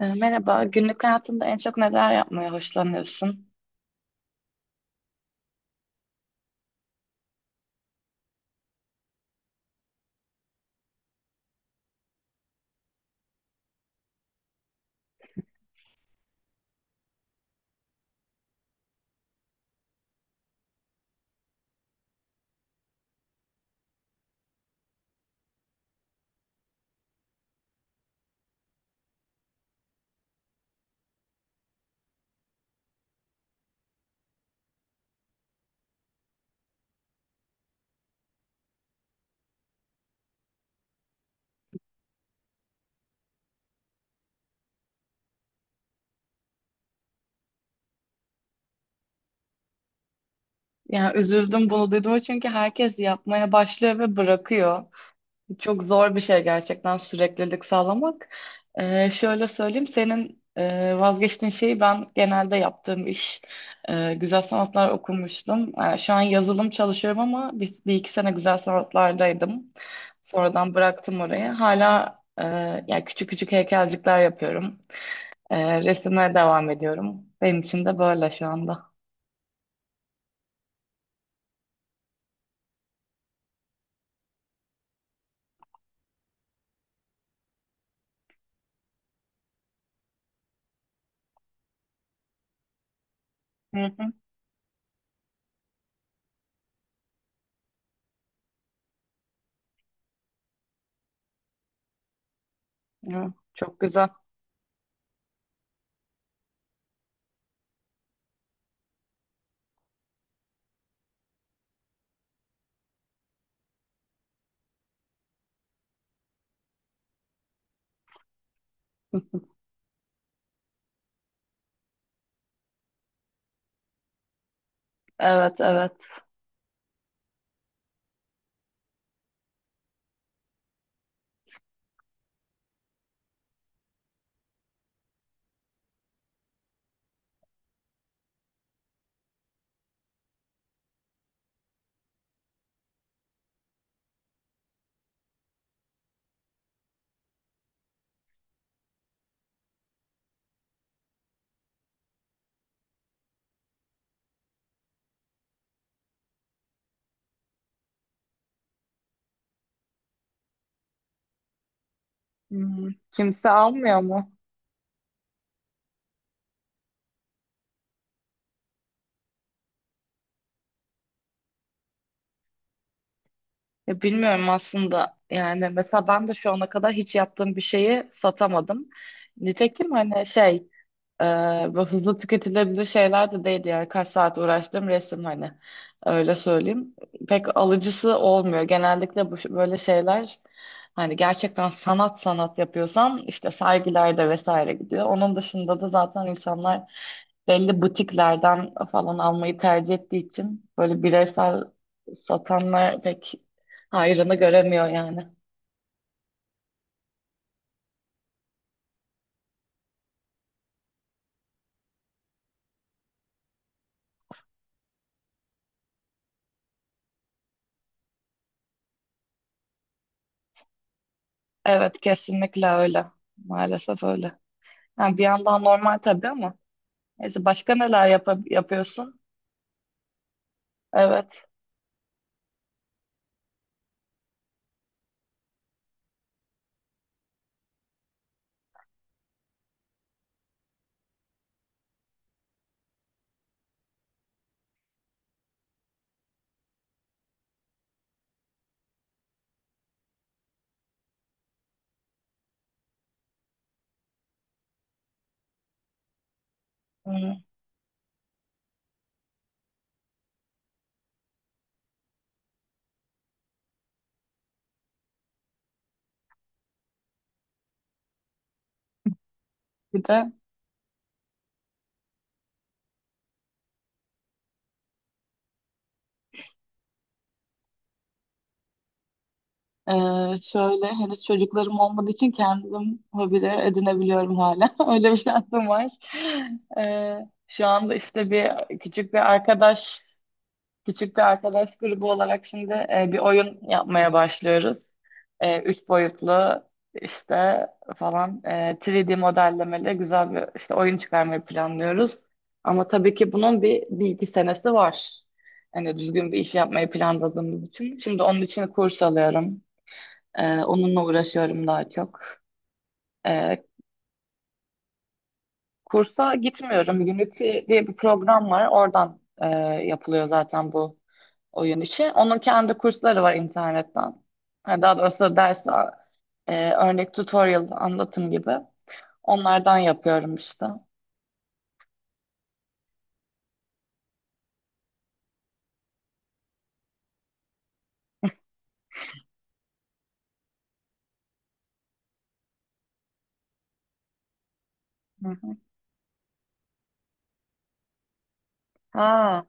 Merhaba, günlük hayatında en çok neler yapmaya hoşlanıyorsun? Yani üzüldüm bunu duyduğuma çünkü herkes yapmaya başlıyor ve bırakıyor. Çok zor bir şey gerçekten süreklilik sağlamak. Şöyle söyleyeyim, senin vazgeçtiğin şeyi ben genelde yaptığım iş. Güzel sanatlar okumuştum. Şu an yazılım çalışıyorum ama biz bir iki sene güzel sanatlardaydım. Sonradan bıraktım orayı. Hala yani küçük küçük heykelcikler yapıyorum. Resimlere devam ediyorum. Benim için de böyle şu anda. Hı hı. Hı, çok güzel. Evet, evet. Hmm. Kimse almıyor mu? Ya bilmiyorum aslında. Yani mesela ben de şu ana kadar hiç yaptığım bir şeyi satamadım. Nitekim hani Ee, ve hızlı tüketilebilir şeyler de değildi, yani kaç saat uğraştım resim, hani öyle söyleyeyim, pek alıcısı olmuyor genellikle bu böyle şeyler. Hani gerçekten sanat sanat yapıyorsam işte sergilerde vesaire gidiyor, onun dışında da zaten insanlar belli butiklerden falan almayı tercih ettiği için böyle bireysel satanlar pek hayrını göremiyor yani. Evet, kesinlikle öyle, maalesef öyle. Yani bir yandan normal tabii ama neyse, başka neler yapıyorsun? Evet. Hı. Bir de e, şöyle, henüz çocuklarım olmadığı için kendim hobiler edinebiliyorum hala. Öyle bir şansım var. E, Şu anda işte bir küçük bir arkadaş Küçük bir arkadaş grubu olarak şimdi bir oyun yapmaya başlıyoruz. Üç boyutlu işte falan 3D modellemeli güzel bir işte oyun çıkarmayı planlıyoruz. Ama tabii ki bunun bir iki senesi var. Hani düzgün bir iş yapmayı planladığımız için. Şimdi onun için kurs alıyorum. Onunla uğraşıyorum daha çok. E, Kursa gitmiyorum. Unity diye bir program var. Oradan yapılıyor zaten bu oyun işi. Onun kendi kursları var internetten. Ha, Daha doğrusu dersler, örnek tutorial, anlatım gibi. Onlardan yapıyorum işte. Hı hı. Ha.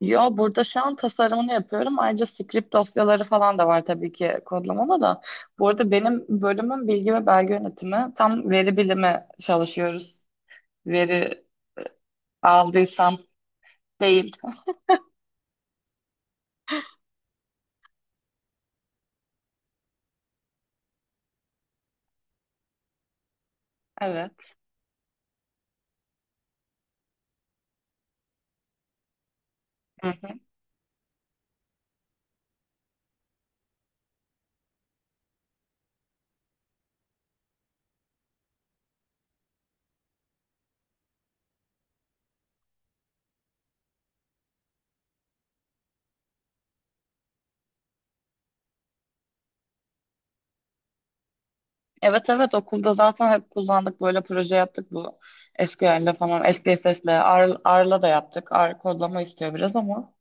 Yo, burada şu an tasarımını yapıyorum. Ayrıca script dosyaları falan da var tabii ki, kodlamada da. Bu arada benim bölümüm bilgi ve belge yönetimi. Tam veri bilimi çalışıyoruz. Veri aldıysam değil. Evet. Hı hı. Evet, evet, okulda zaten hep kullandık, böyle proje yaptık, bu SQL'le falan, SPSS'le, R, R'la da yaptık. R kodlama istiyor biraz ama.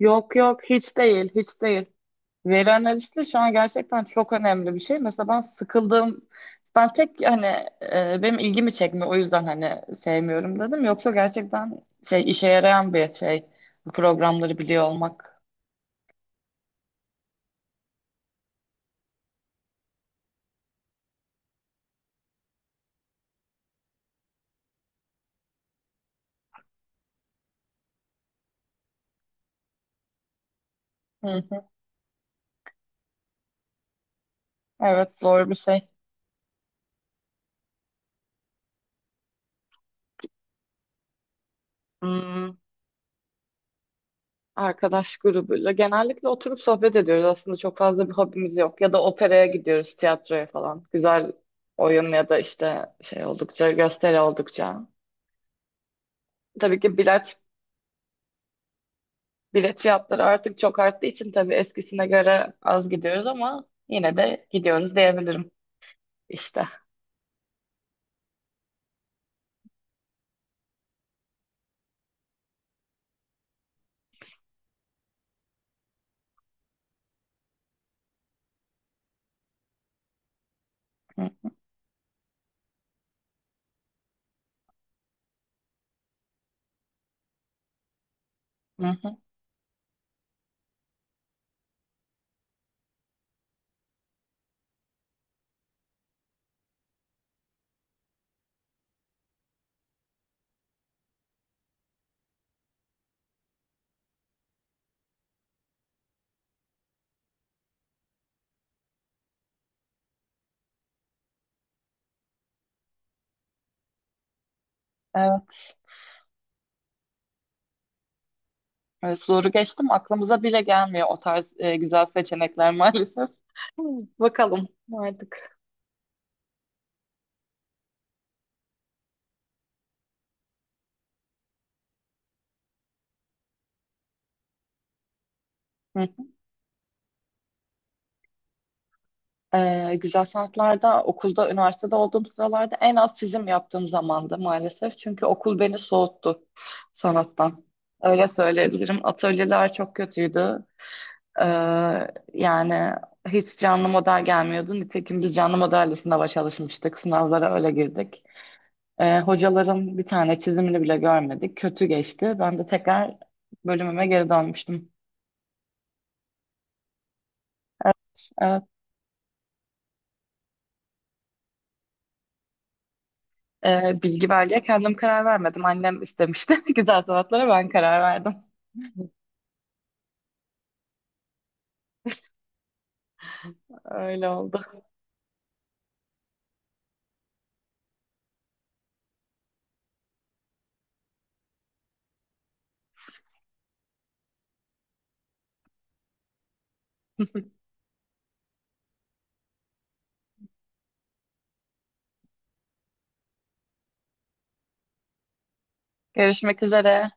Yok yok, hiç değil, hiç değil. Veri analisti şu an gerçekten çok önemli bir şey. Mesela ben sıkıldım. Ben pek hani, benim ilgimi çekmiyor, o yüzden hani sevmiyorum dedim. Yoksa gerçekten şey, işe yarayan bir şey bu programları biliyor olmak. Hı hı. Evet, zor bir şey. Hmm. Arkadaş grubuyla. Genellikle oturup sohbet ediyoruz. Aslında çok fazla bir hobimiz yok. Ya da operaya gidiyoruz, tiyatroya falan. Güzel oyun ya da işte şey oldukça, gösteri oldukça. Tabii ki bilet fiyatları artık çok arttığı için tabii eskisine göre az gidiyoruz ama yine de gidiyoruz diyebilirim işte. Hı hı. Hı. Evet. Evet, zoru geçtim. Aklımıza bile gelmiyor o tarz güzel seçenekler maalesef. Bakalım artık. Güzel sanatlarda okulda, üniversitede olduğum sıralarda en az çizim yaptığım zamandı maalesef. Çünkü okul beni soğuttu sanattan. Öyle söyleyebilirim. Atölyeler çok kötüydü. Ee, Yani hiç canlı model gelmiyordu. Nitekim biz canlı modelle sınava çalışmıştık. Sınavlara öyle girdik. Hocaların bir tane çizimini bile görmedik. Kötü geçti. Ben de tekrar bölümüme geri dönmüştüm. Evet. Bilgi verdiye kendim karar vermedim. Annem istemişti. Güzel sanatlara ben karar verdim. Öyle oldu. Görüşmek üzere.